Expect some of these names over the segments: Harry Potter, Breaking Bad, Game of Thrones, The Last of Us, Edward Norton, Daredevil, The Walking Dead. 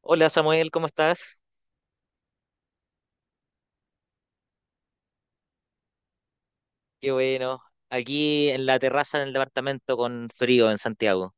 Hola Samuel, ¿cómo estás? Qué bueno. Aquí en la terraza del departamento con frío en Santiago.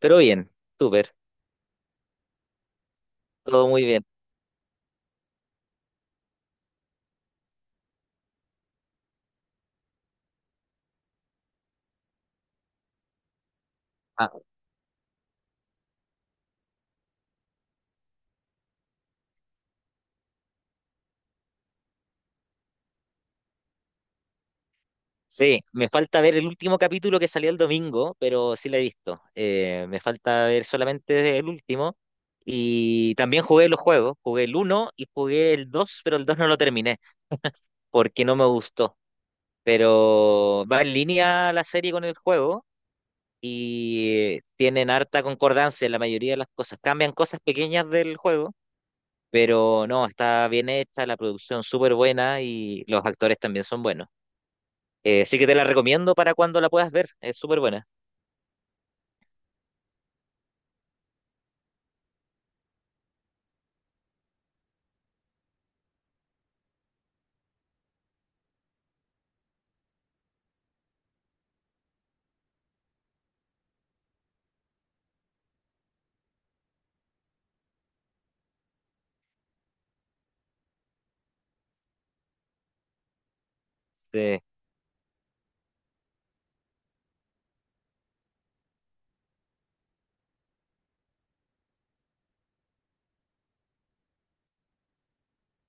Pero bien, súper, todo muy bien. Ah, sí, me falta ver el último capítulo que salió el domingo, pero sí la he visto. Me falta ver solamente el último. Y también jugué los juegos. Jugué el uno y jugué el 2, pero el 2 no lo terminé porque no me gustó. Pero va en línea la serie con el juego y tienen harta concordancia en la mayoría de las cosas. Cambian cosas pequeñas del juego, pero no, está bien hecha, la producción súper buena y los actores también son buenos. Sí que te la recomiendo para cuando la puedas ver, es súper buena. Sí,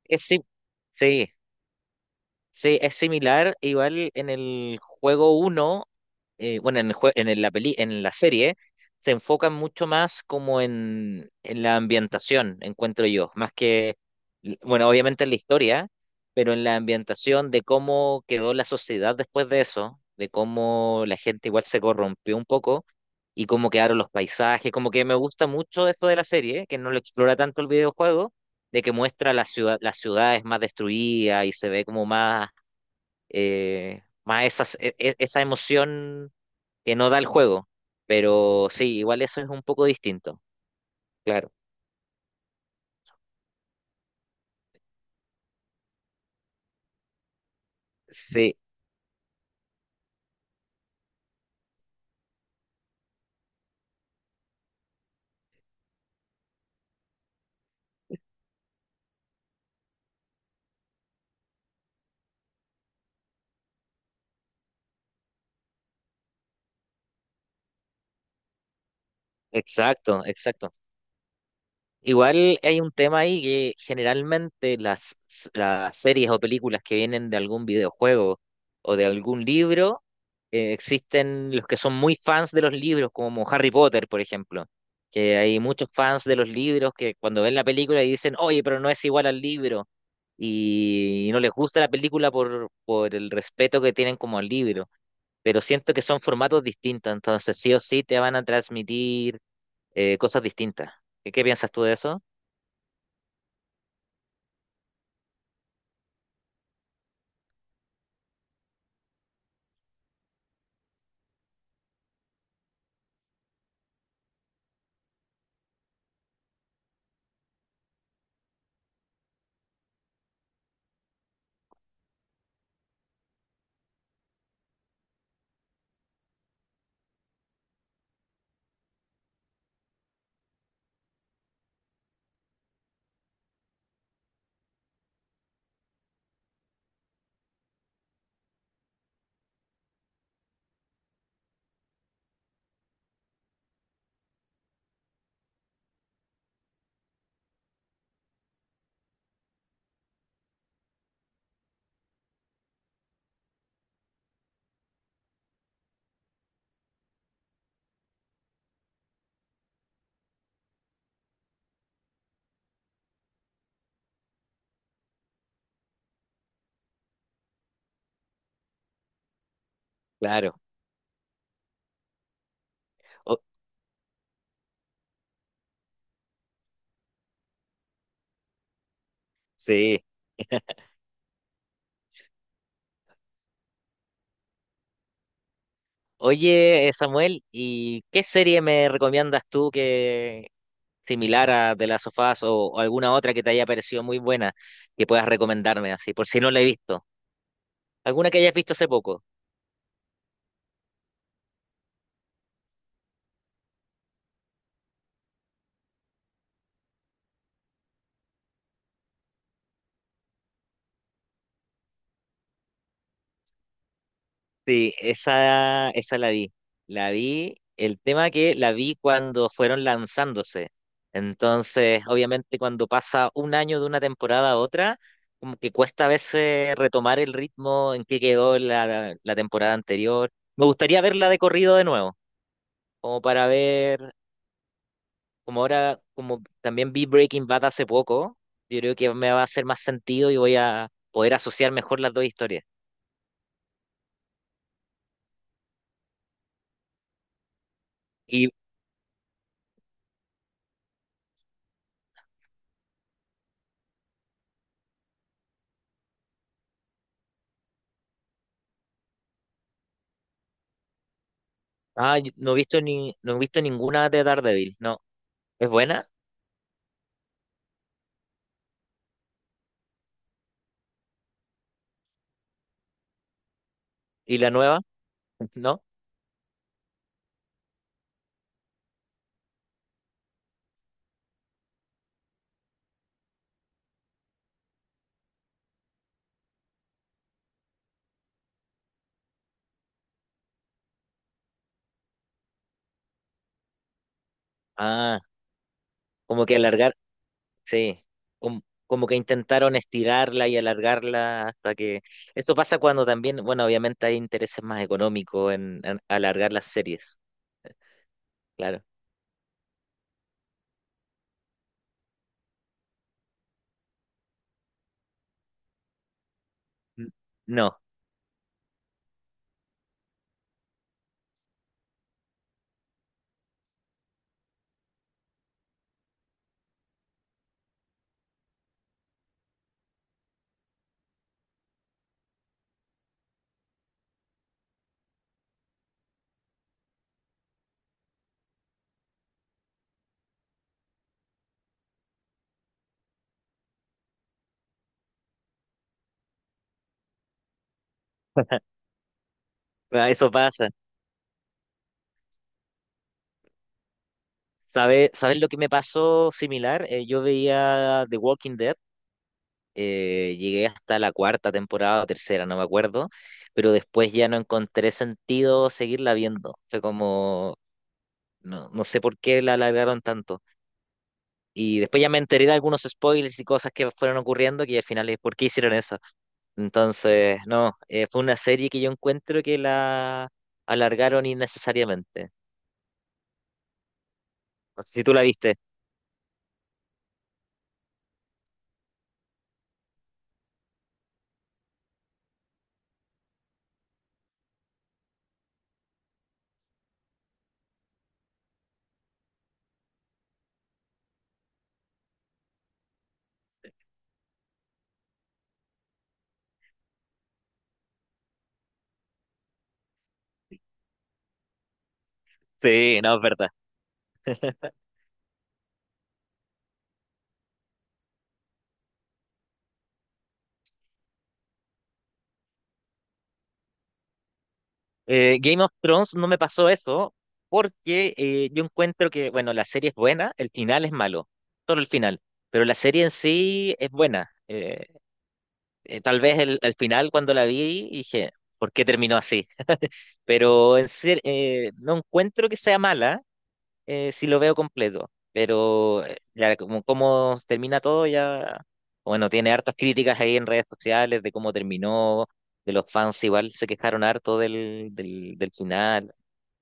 es sí, sí, sí, es similar, igual en el juego uno, bueno, en el jue- en el- la peli, en la serie, se enfocan mucho más como en la ambientación, encuentro yo, más que, bueno, obviamente en la historia, pero en la ambientación de cómo quedó la sociedad después de eso, de cómo la gente igual se corrompió un poco y cómo quedaron los paisajes, como que me gusta mucho eso de la serie, que no lo explora tanto el videojuego, de que muestra la ciudad, las ciudades más destruidas y se ve como más más esas, esa emoción que no da el juego. Pero sí, igual eso es un poco distinto, claro. Sí, exacto, exacto. Igual hay un tema ahí que generalmente las series o películas que vienen de algún videojuego o de algún libro, existen los que son muy fans de los libros, como Harry Potter, por ejemplo, que hay muchos fans de los libros que cuando ven la película y dicen, oye, pero no es igual al libro, y no les gusta la película por el respeto que tienen como al libro, pero siento que son formatos distintos, entonces sí o sí te van a transmitir cosas distintas. ¿Qué, qué piensas tú de eso? Claro, O- sí. Oye, Samuel, ¿y qué serie me recomiendas tú que similar a The Last of Us o alguna otra que te haya parecido muy buena que puedas recomendarme así, por si no la he visto? ¿Alguna que hayas visto hace poco? Sí, esa la vi. La vi, el tema que la vi cuando fueron lanzándose. Entonces, obviamente, cuando pasa un año de una temporada a otra, como que cuesta a veces retomar el ritmo en que quedó la temporada anterior. Me gustaría verla de corrido de nuevo, como para ver, como ahora, como también vi Breaking Bad hace poco, yo creo que me va a hacer más sentido y voy a poder asociar mejor las dos historias. Ah, yo no he visto ni, no he visto ninguna de Daredevil, no. ¿Es buena? ¿Y la nueva? ¿No? Ah, como que alargar, sí. Como, como que intentaron estirarla y alargarla hasta que... Eso pasa cuando también, bueno, obviamente hay intereses más económicos en alargar las series, claro. N- No, ah, eso pasa. ¿Sabes, sabes lo que me pasó similar? Yo veía The Walking Dead. Llegué hasta la cuarta temporada o tercera, no me acuerdo, pero después ya no encontré sentido seguirla viendo. Fue como, no, no sé por qué la alargaron tanto. Y después ya me enteré de algunos spoilers y cosas que fueron ocurriendo, que al final es por qué hicieron eso. Entonces, no, fue una serie que yo encuentro que la alargaron innecesariamente. No sé si tú la viste. Sí, no, es verdad. Game of Thrones no me pasó eso porque yo encuentro que, bueno, la serie es buena, el final es malo, solo el final, pero la serie en sí es buena. Tal vez el final cuando la vi dije, ¿por qué terminó así? Pero no encuentro que sea mala si lo veo completo, pero ya como, como termina todo ya, bueno, tiene hartas críticas ahí en redes sociales de cómo terminó. De los fans igual se quejaron harto del final.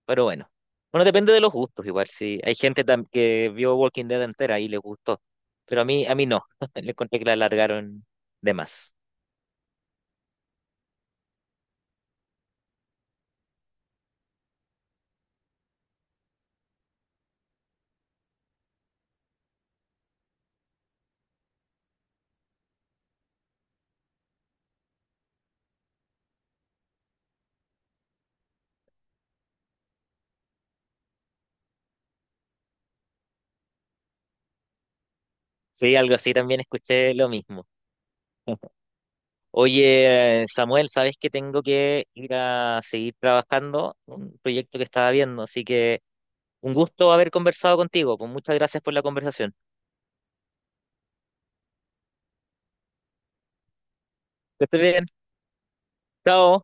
Pero bueno, bueno, depende de los gustos, igual. Si hay gente que vio Walking Dead entera y les gustó, pero a mí no, le encontré que la alargaron de más. Sí, algo así también escuché lo mismo. Oye, Samuel, sabes que tengo que ir a seguir trabajando un proyecto que estaba viendo, así que un gusto haber conversado contigo. Pues muchas gracias por la conversación. Que estés bien. Chao.